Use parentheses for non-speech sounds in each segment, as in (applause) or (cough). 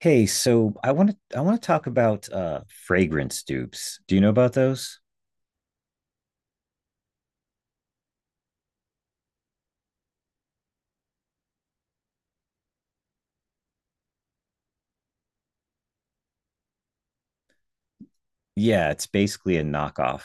Hey, so I want to talk about fragrance dupes. Do you know about those? Yeah, it's basically a knockoff.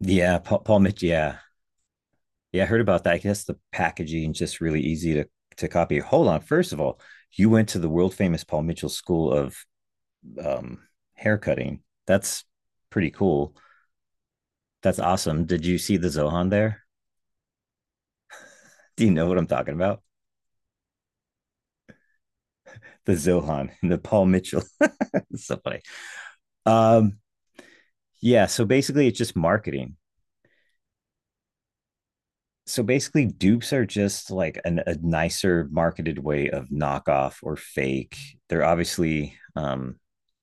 Yeah, Paul Mitch, yeah. Yeah, I heard about that. I guess the packaging just really easy to copy. Hold on, first of all, you went to the world famous Paul Mitchell School of um haircutting. That's pretty cool. That's awesome. Did you see the Zohan there? Do you know what I'm talking about? The Zohan (laughs) and the Paul Mitchell. (laughs) It's so funny. Um, yeah, so basically it's just marketing so basically dupes are just like a nicer marketed way of knockoff or fake. They're obviously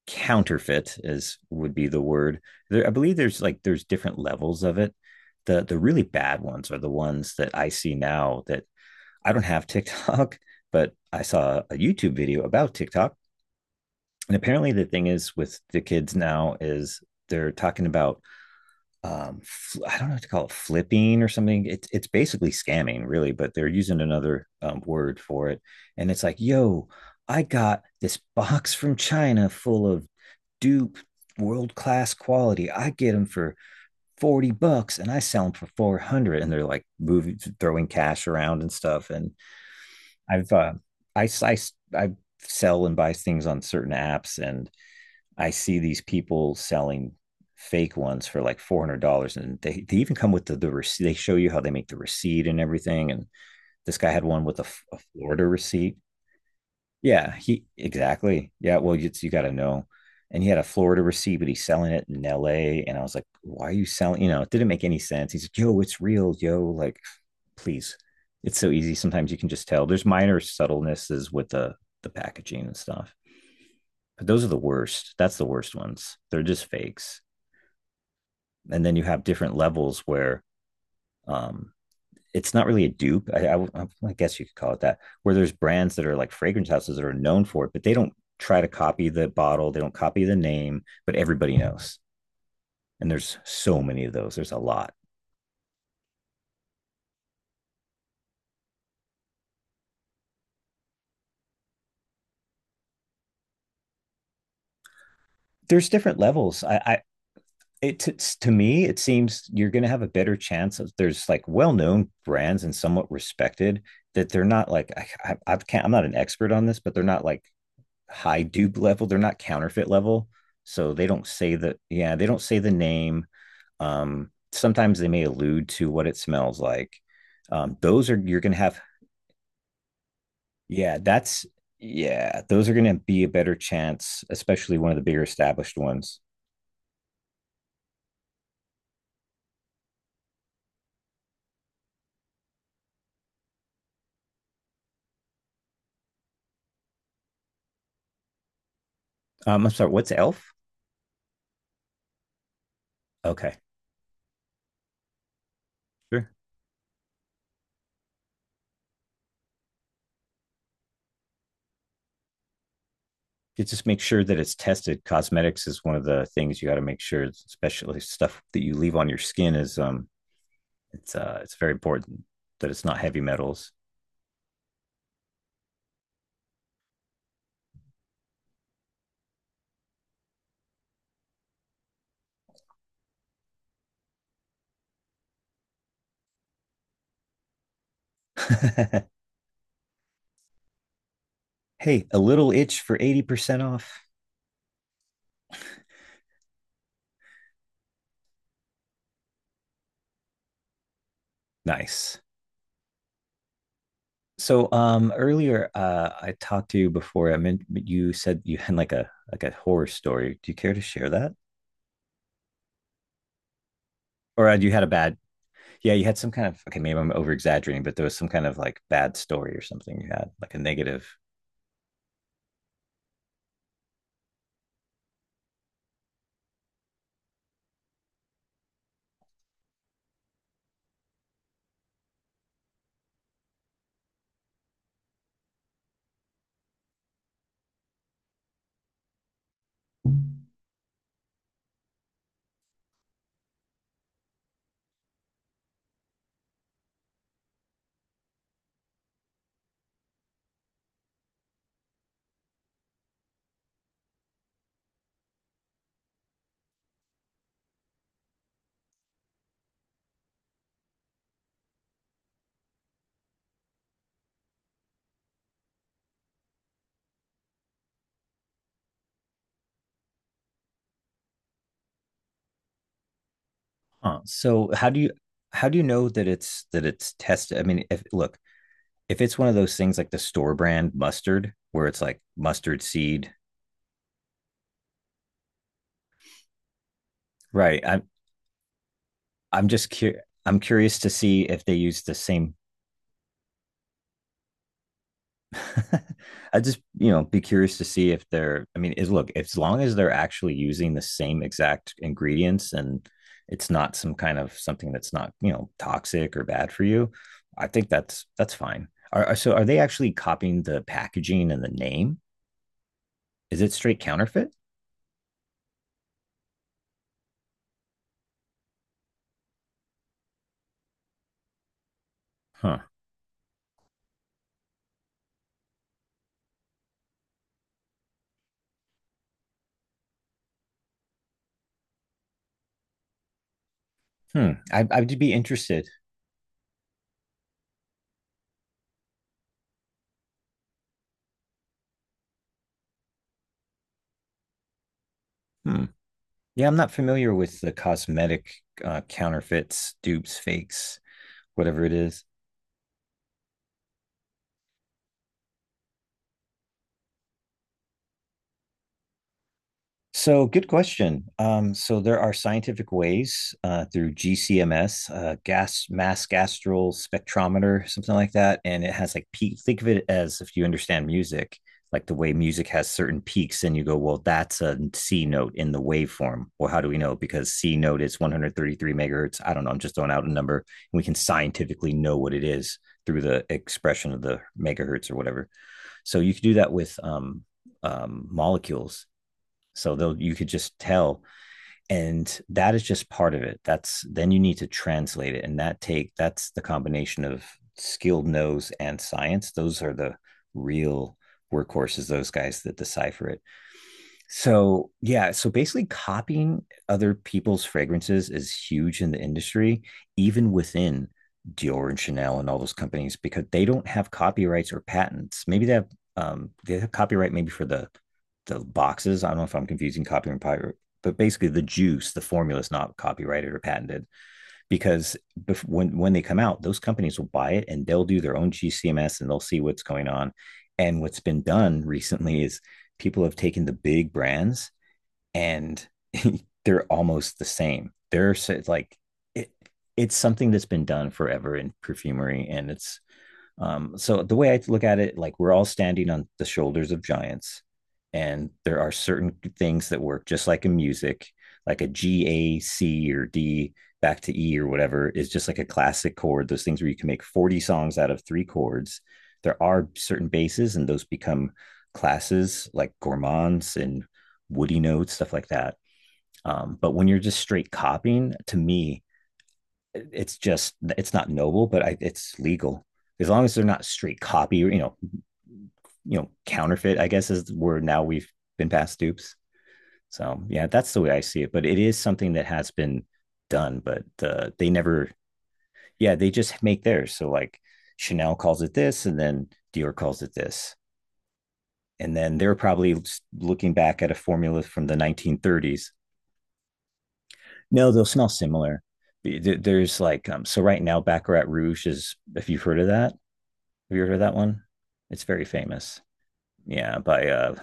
counterfeit, as would be the word. There, I believe there's different levels of it. The really bad ones are the ones that I see now that I don't have (laughs) TikTok, but I saw a YouTube video about TikTok. And apparently the thing is with the kids now is they're talking about, um I don't know what to call it, flipping or something. It's basically scamming, really, but they're using another word for it. And it's like, yo, I got this box from China full of dupe world class quality. I get them for $40 and I sell them for 400, and they're like moving, throwing cash around and stuff. And I've I I sell and buy things on certain apps, and I see these people selling fake ones for like $400, and they even come with the receipt. They show you how they make the receipt and everything. And this guy had one with a Florida receipt. Yeah, he exactly. Yeah, well, you got to know. And he had a Florida receipt, but he's selling it in L.A. And I was like, "Why are you selling?" You know, it didn't make any sense. He's like, "Yo, it's real, yo." Like, please, it's so easy. Sometimes you can just tell. There's minor subtlenesses with the packaging and stuff, but those are the worst. That's the worst ones. They're just fakes. And then you have different levels where, um, it's not really a dupe. I guess you could call it that, where there's brands that are like fragrance houses that are known for it, but they don't try to copy the bottle, they don't copy the name, but everybody knows. And there's so many of those. There's a lot. There's different levels. I it it's, to me, it seems you're going to have a better chance of there's like well-known brands and somewhat respected, that they're not like I can't. I'm not an expert on this, but they're not like high dupe level. They're not counterfeit level, so they don't say the, yeah, they don't say the name. Sometimes they may allude to what it smells like. Those are you're gonna have, yeah that's, yeah those are gonna be a better chance, especially one of the bigger established ones. I'm sorry, what's Elf? Okay, sure. You just make sure that it's tested. Cosmetics is one of the things you got to make sure, especially stuff that you leave on your skin is it's very important that it's not heavy metals. (laughs) Hey, a little itch for 80% off. Nice. So earlier I talked to you before I meant, you said you had like a horror story. Do you care to share that? Or you had a bad, yeah, you had some kind of, okay, maybe I'm over exaggerating, but there was some kind of like bad story or something you had, like a negative. Huh. So how do you know that it's tested? I mean, if look, if it's one of those things like the store brand mustard where it's like mustard seed, right? I'm just I'm curious to see if they use the same. (laughs) I just, you know, be curious to see if they're. I mean, is look, as long as they're actually using the same exact ingredients and it's not some kind of something that's not, you know, toxic or bad for you. I think that's fine. So are they actually copying the packaging and the name? Is it straight counterfeit? Huh. Hmm. I'd be interested. Hmm. Yeah, I'm not familiar with the cosmetic counterfeits, dupes, fakes, whatever it is. So, good question. So, there are scientific ways through GCMS, gas mass gastral spectrometer, something like that, and it has like peak. Think of it as, if you understand music, like the way music has certain peaks, and you go, "Well, that's a C note in the waveform." Well, how do we know? Because C note is 133 megahertz. I don't know. I'm just throwing out a number, and we can scientifically know what it is through the expression of the megahertz or whatever. So, you could do that with molecules, so they'll you could just tell. And that is just part of it. That's then you need to translate it. And that take that's the combination of skilled nose and science. Those are the real workhorses, those guys that decipher it. So, yeah, so basically copying other people's fragrances is huge in the industry, even within Dior and Chanel and all those companies, because they don't have copyrights or patents. Maybe they have copyright maybe for the boxes. I don't know if I'm confusing copyright and pirate, but basically the juice, the formula is not copyrighted or patented because when they come out, those companies will buy it and they'll do their own GCMS and they'll see what's going on. And what's been done recently is people have taken the big brands and (laughs) they're almost the same. Like it, it's something that's been done forever in perfumery, and it's, so the way I look at it, like we're all standing on the shoulders of giants, and there are certain things that work just like in music, like a G, A, C, or D back to E or whatever is just like a classic chord. Those things where you can make 40 songs out of three chords. There are certain bases, and those become classes like gourmands and woody notes, stuff like that. But when you're just straight copying, to me, it's not noble, but it's legal, as long as they're not straight copy or, you know, counterfeit. I guess is the word, now we've been past dupes. So yeah, that's the way I see it. But it is something that has been done, but they never. Yeah, they just make theirs. So like Chanel calls it this, and then Dior calls it this, and then they're probably looking back at a formula from the 1930s. No, they'll smell similar. There's like so right now, Baccarat Rouge is, if you've heard of that, have you ever heard that one? It's very famous. Yeah, by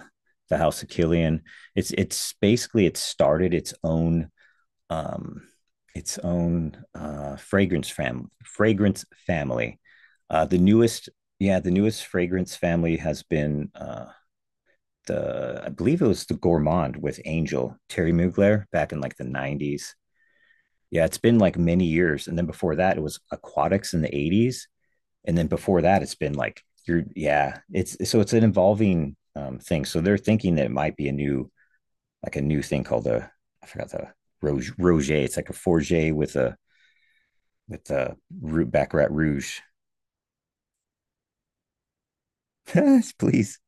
the House of Killian. It's basically it started um its own fragrance family. The newest, yeah, the newest fragrance family has been the, I believe it was the Gourmand with Angel Terry Mugler back in like the 90s. Yeah, it's been like many years. And then before that, it was Aquatics in the 80s, and then before that it's been like you're, yeah, it's so it's an evolving, thing, so they're thinking that it might be a new, like a new thing called the, I forgot the, roger, it's like a forger with a, with the root Baccarat Rouge. (laughs) Please.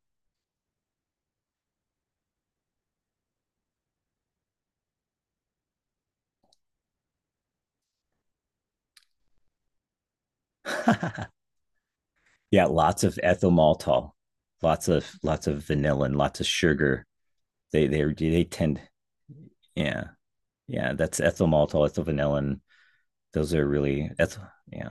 (laughs) Yeah, lots of ethyl maltol, lots of vanilla and lots of sugar. They tend, yeah, yeah that's ethyl maltol, ethyl vanillin, those are really ethyl, yeah.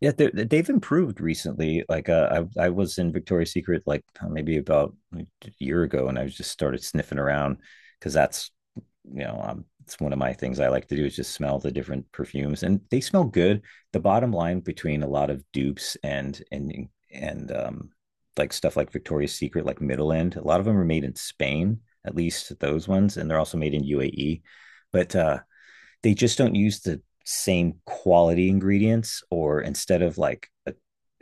Yeah, they they've improved recently. Like I was in Victoria's Secret like maybe about like, a year ago, and I just started sniffing around because that's, you know, it's one of my things I like to do is just smell the different perfumes, and they smell good. The bottom line between a lot of dupes and like stuff like Victoria's Secret, like middle end, a lot of them are made in Spain, at least those ones, and they're also made in UAE. But they just don't use the same quality ingredients. Or instead of like a,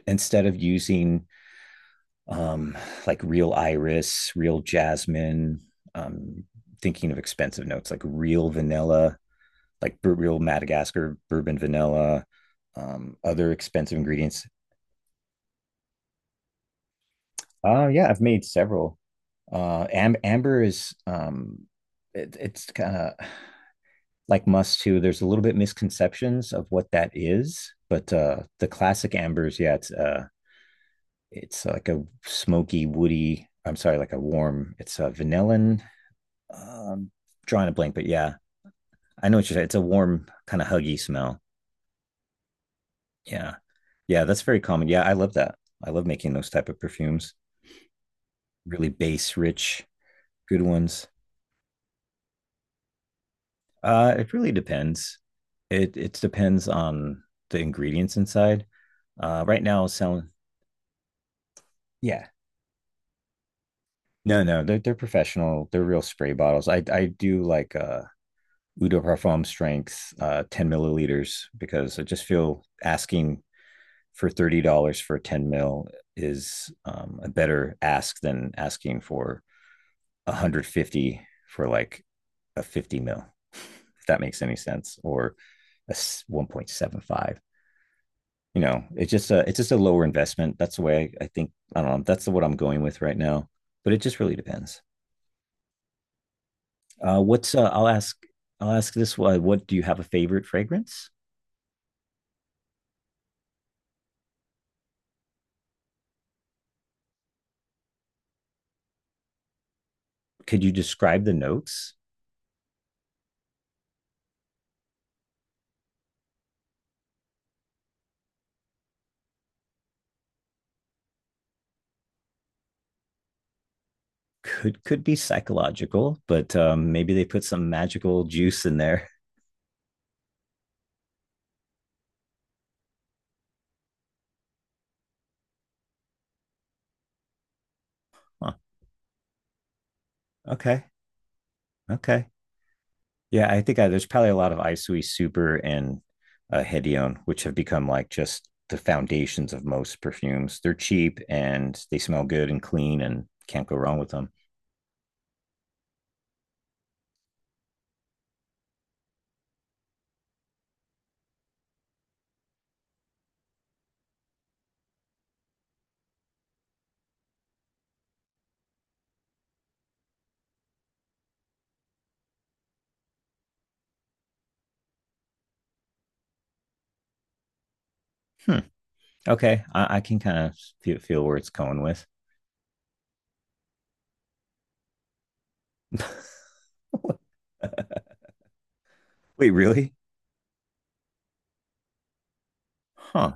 instead of using um like real iris, real jasmine, um thinking of expensive notes like real vanilla, like real Madagascar bourbon vanilla, other expensive ingredients. Oh yeah, I've made several. Amber is it's kind of like musk too. There's a little bit misconceptions of what that is, but the classic ambers, yeah, it's like a smoky, woody. I'm sorry, like a warm. It's a vanillin. Um, drawing a blank, but yeah, I know what you're saying. It's a warm kind of huggy smell. Yeah, yeah, that's very common. Yeah, I love that. I love making those type of perfumes. Really base rich, good ones. It really depends. It depends on the ingredients inside. Right now, selling. Yeah. No, no, they're professional. They're real spray bottles. I do like Eau de Parfum strength, 10 milliliters, because I just feel asking for $30 for 10 mil is a better ask than asking for 150 for like a 50 mil, if that makes any sense, or 1.75. You know, it's just a, it's just a lower investment. That's the way I think, I don't know, that's what I'm going with right now. But it just really depends. What's I'll ask this one. What, do you have a favorite fragrance? Could you describe the notes? Could be psychological, but maybe they put some magical juice in there. (laughs) Huh. Okay, okay, yeah. There's probably a lot of Isui Super and Hedion, which have become like just the foundations of most perfumes. They're cheap and they smell good and clean, and can't go wrong with them. Hmm. Okay, I can kind of feel where it's going with. (laughs) Wait, really? Huh.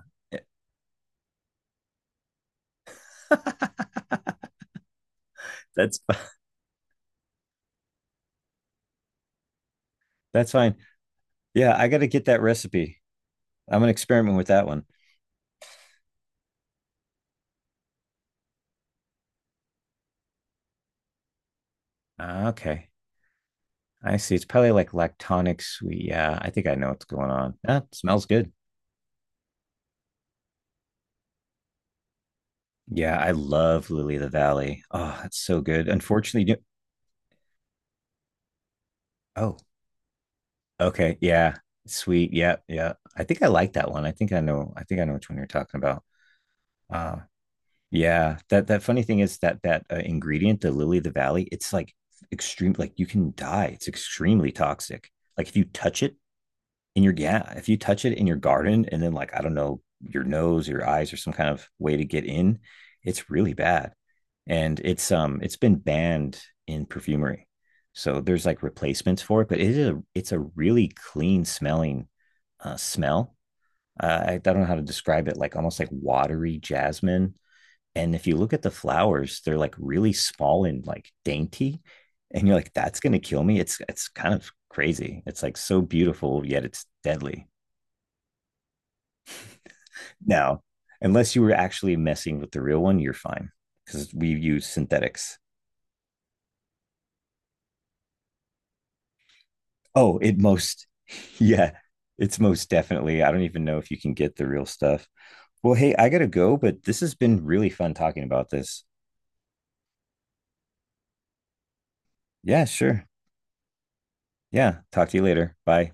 That's that's fine. Yeah, I got to get that recipe. I'm gonna experiment with that one. Ah, okay, I see. It's probably like lactonic sweet. Yeah, I think I know what's going on. That smells good. Yeah, I love Lily of the Valley. Oh, it's so good. Unfortunately, you- oh, okay, yeah, sweet. Yeah, yeah. I think I like that one. I think I know. I think I know which one you're talking about. Uh, Yeah, that funny thing is that ingredient, the lily of the valley, it's like extreme. Like you can die. It's extremely toxic. Like if you touch it if you touch it in your garden, and then like I don't know, your nose, your eyes, or some kind of way to get in, it's really bad. And it's been banned in perfumery, so there's like replacements for it. But it's a really clean smelling smell. I don't know how to describe it. Like almost like watery jasmine, and if you look at the flowers, they're like really small and like dainty. And you're like, that's gonna kill me. It's kind of crazy. It's like so beautiful, yet it's deadly. Now, unless you were actually messing with the real one, you're fine. Because we use synthetics. Oh, it most (laughs) yeah, it's most definitely. I don't even know if you can get the real stuff. Well, hey, I gotta go, but this has been really fun talking about this. Yeah, sure. Yeah. Talk to you later. Bye.